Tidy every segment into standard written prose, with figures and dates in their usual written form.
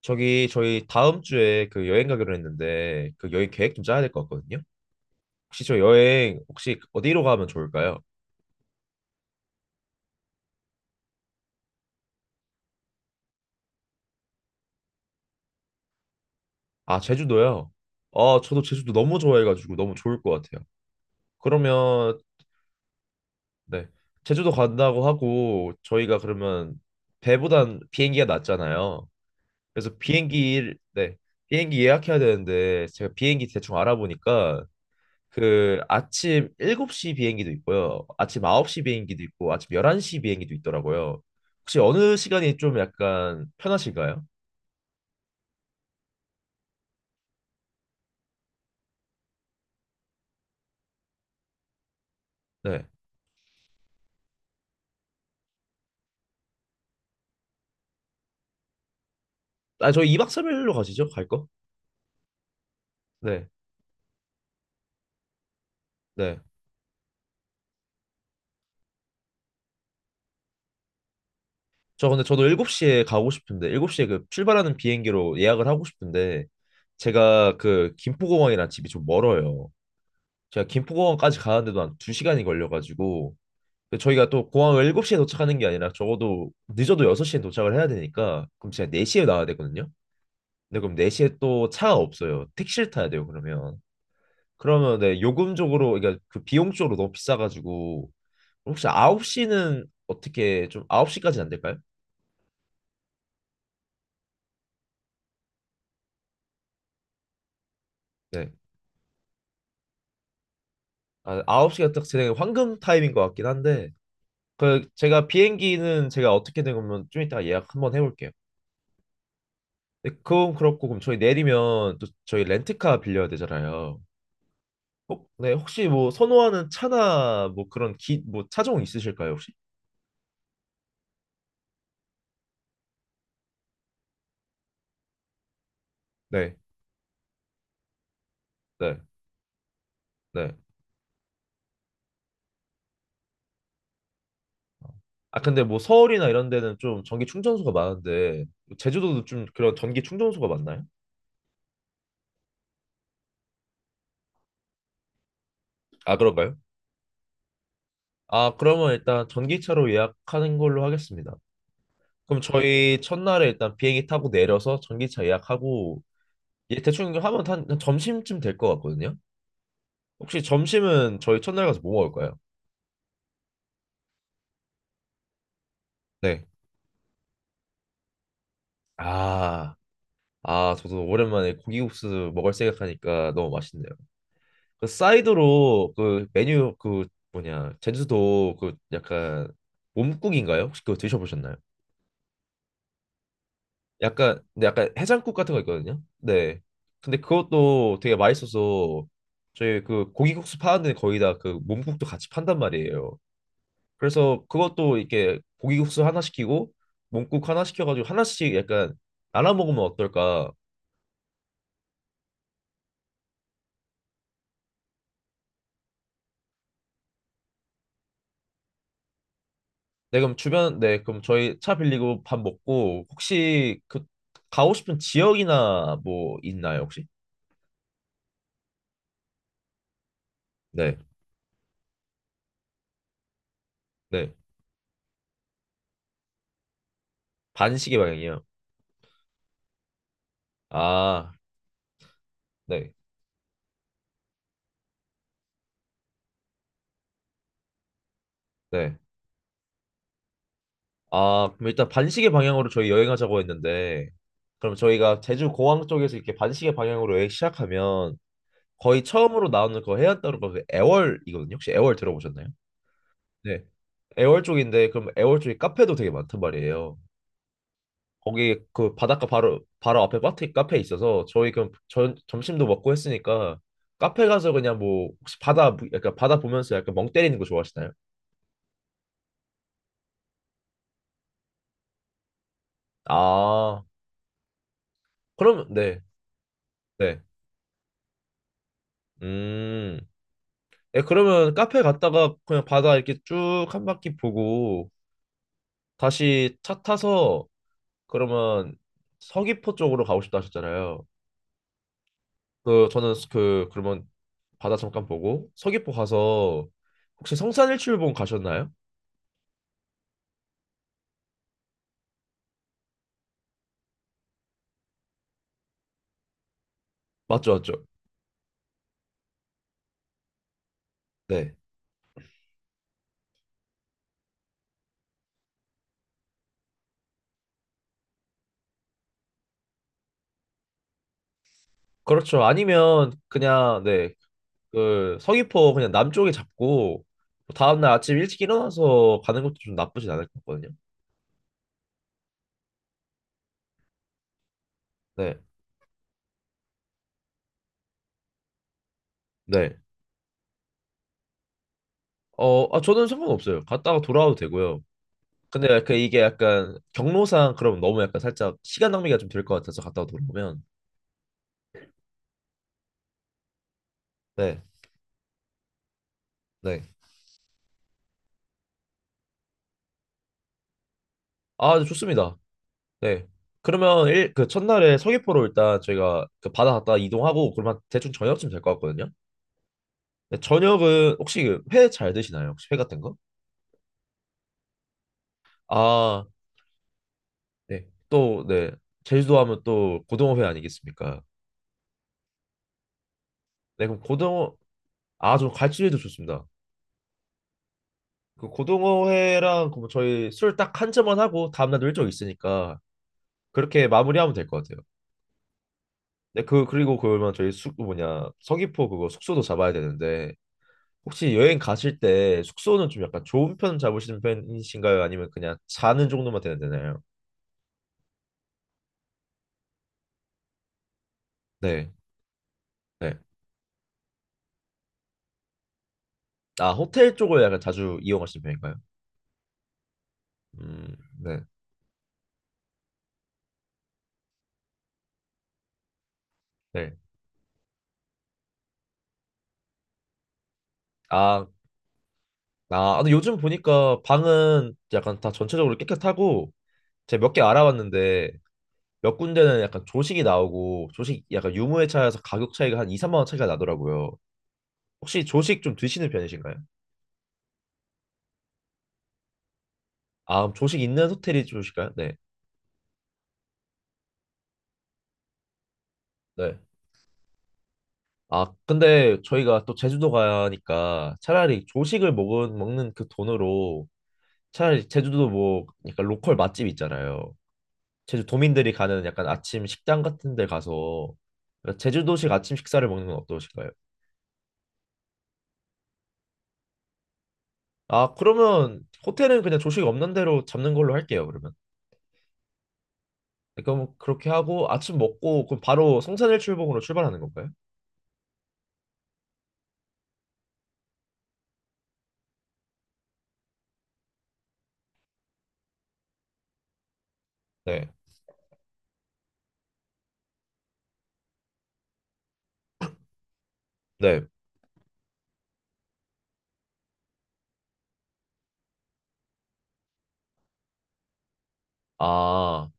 저기 저희 다음 주에 그 여행 가기로 했는데 그 여행 계획 좀 짜야 될 것 같거든요. 혹시 저 여행 혹시 어디로 가면 좋을까요? 아, 제주도요. 아, 저도 제주도 너무 좋아해가지고 너무 좋을 것 같아요. 그러면 네, 제주도 간다고 하고 저희가 그러면 배보단 비행기가 낫잖아요. 그래서 비행기 네, 비행기 예약해야 되는데 제가 비행기 대충 알아보니까 그 아침 7시 비행기도 있고요. 아침 9시 비행기도 있고 아침 11시 비행기도 있더라고요. 혹시 어느 시간이 좀 약간 편하실까요? 네. 아, 저희 2박 3일로 가시죠? 갈 거? 네. 네. 저 근데 저도 7시에 가고 싶은데 7시에 그 출발하는 비행기로 예약을 하고 싶은데 제가 그 김포공항이랑 집이 좀 멀어요. 제가 김포공항까지 가는데도 한 2시간이 걸려가지고 근데 저희가 또 공항을 7시에 도착하는 게 아니라 적어도 늦어도 6시에 도착을 해야 되니까 그럼 제가 4시에 나와야 되거든요. 근데 그럼 4시에 또 차가 없어요. 택시를 타야 돼요, 그러면. 그러면 네, 요금 적으로 그러니까 그 비용 쪽으로 너무 비싸가지고. 혹시 9시는 어떻게 좀 9시까지는 안 될까요? 네. 아, 9시가 딱 제 황금 타임인 것 같긴 한데. 그 제가 비행기는 제가 어떻게 된 거면 좀 이따 가 예약 한번 해볼게요. 네, 그건 그렇고 그럼 저희 내리면 또 저희 렌트카 빌려야 되잖아요. 혹, 네, 혹시 뭐 선호하는 차나 뭐 그런 기, 뭐 차종 있으실까요, 혹시? 네, 네, 네. 아 근데 뭐 서울이나 이런 데는 좀 전기 충전소가 많은데 제주도도 좀 그런 전기 충전소가 많나요? 아 그런가요? 아 그러면 일단 전기차로 예약하는 걸로 하겠습니다. 그럼 저희 첫날에 일단 비행기 타고 내려서 전기차 예약하고 예 대충 하면 한, 한 점심쯤 될 것 같거든요. 혹시 점심은 저희 첫날 가서 뭐 먹을까요? 네. 아, 아 저도 오랜만에 고기국수 먹을 생각하니까 너무 맛있네요. 그 사이드로 그 메뉴 그 뭐냐 제주도 그 약간 몸국인가요? 혹시 그거 드셔보셨나요? 약간 근데 약간 해장국 같은 거 있거든요. 네. 근데 그것도 되게 맛있어서 저희 그 고기국수 파는데 거의 다 그 몸국도 같이 판단 말이에요. 그래서 그것도 이렇게 고기국수 하나 시키고 몸국 하나 시켜가지고 하나씩 약간 나눠 먹으면 어떨까? 네, 그럼 주변, 네, 그럼 저희 차 빌리고 밥 먹고, 혹시 그, 가고 싶은 지역이나 뭐 있나요, 혹시? 네, 네. 반시계 방향이요. 아, 네, 네. 아, 그럼 일단 반시계 방향으로 저희 여행하자고 했는데, 그럼 저희가 제주 공항 쪽에서 이렇게 반시계 방향으로 여행 시작하면, 거의 처음으로 나오는 그 해안 따로가 그 애월이거든요. 혹시 애월 들어보셨나요? 네. 애월 쪽인데, 그럼 애월 쪽에 카페도 되게 많단 말이에요. 거기 그 바닷가 바로 바로 앞에 바트 카페 있어서 저희 그럼 전 점심도 먹고 했으니까 카페 가서 그냥 뭐 혹시 약간 바다 보면서 약간 멍 때리는 거 좋아하시나요? 아 그럼 네 네. 음. 네, 그러면 카페 갔다가 그냥 바다 이렇게 쭉 한 바퀴 보고 다시 차 타서 그러면 서귀포 쪽으로 가고 싶다 하셨잖아요. 그 저는 그 그러면 바다 잠깐 보고 서귀포 가서 혹시 성산일출봉 가셨나요? 맞죠, 맞죠? 네. 그렇죠. 아니면 그냥 네. 그 서귀포 그냥 남쪽에 잡고 다음 날 아침 일찍 일어나서 가는 것도 좀 나쁘진 않을 것 같거든요. 네. 네. 어, 아, 저는 상관없어요. 갔다가 돌아와도 되고요. 근데 그 이게 약간 경로상 그럼 너무 약간 살짝 시간 낭비가 좀 될 것 같아서 갔다가 돌아오면 네. 네. 아, 좋습니다. 네. 그러면 일, 그 첫날에 서귀포로 일단 저희가 그 바다 갔다 이동하고 그러면 대충 저녁쯤 될 것 같거든요. 네, 저녁은 혹시 회 잘 드시나요? 혹시 회 같은 거? 아, 네. 또, 네. 제주도 하면 또 고등어회 아니겠습니까? 네, 그럼 고등어, 아, 좀 갈치회도 좋습니다. 그 고등어회랑 그럼 저희 술 딱 한 잔만 하고 다음날도 일정 있으니까 그렇게 마무리하면 될 것 같아요. 네, 그, 그리고 그러면 저희 숙, 그 뭐냐, 서귀포 그거 숙소도 잡아야 되는데 혹시 여행 가실 때 숙소는 좀 약간 좋은 편 잡으시는 편이신가요? 아니면 그냥 자는 정도만 되는 되나요? 네, 네. 아, 호텔 쪽을 약간 자주 이용하시는 편인가요? 네, 네. 아, 아, 아, 근데 요즘 보니까 방은 약간 다 전체적으로 깨끗하고 제가 몇 개 알아봤는데 몇 군데는 약간 조식이 나오고 조식 약간 유무에 차여서 가격 차이가 한 2, 3만 원 차이가 나더라고요. 혹시 조식 좀 드시는 편이신가요? 아, 그럼 조식 있는 호텔이 좋으실까요? 네. 네. 아, 근데 저희가 또 제주도 가니까 차라리 조식을 먹는 그 돈으로 차라리 제주도 뭐 약간 로컬 맛집 있잖아요. 제주 도민들이 가는 약간 아침 식당 같은 데 가서 제주도식 아침 식사를 먹는 건 어떠실까요? 아, 그러면 호텔은 그냥 조식 없는 대로 잡는 걸로 할게요, 그러면. 네, 그럼 그렇게 하고 아침 먹고 그럼 바로 성산일 출봉으로 출발하는 건가요? 네. 네. 아,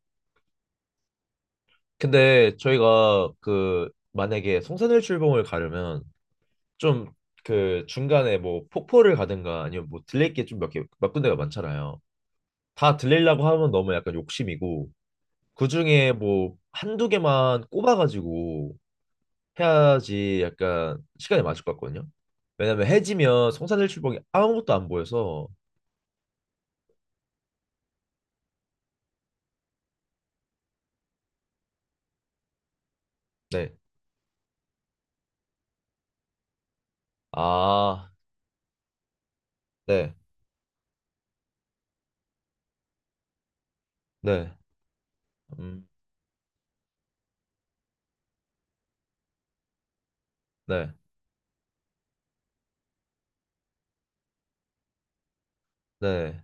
근데 저희가 그 만약에 성산일 출봉을 가려면 좀 그 중간에 뭐 폭포를 가든가 아니면 뭐 들릴 게 좀 몇 군데가 많잖아요. 다 들리려고 하면 너무 약간 욕심이고 그중에 뭐 한두 개만 꼽아가지고 해야지 약간 시간이 맞을 것 같거든요. 왜냐면 해지면 성산일 출봉이 아무것도 안 보여서 네. 아, 네. 네. 음, 네. 네.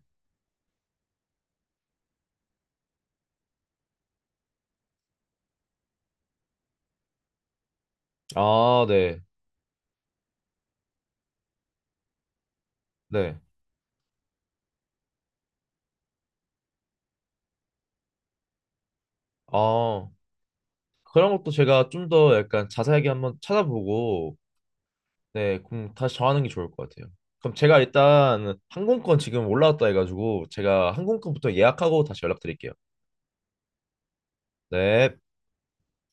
아, 네. 네. 아, 그런 것도 제가 좀 더 약간 자세하게 한번 찾아보고 네, 그럼 다시 정하는 게 좋을 것 같아요. 그럼 제가 일단 항공권 지금 올라왔다 해가지고 제가 항공권부터 예약하고 다시 연락드릴게요. 네.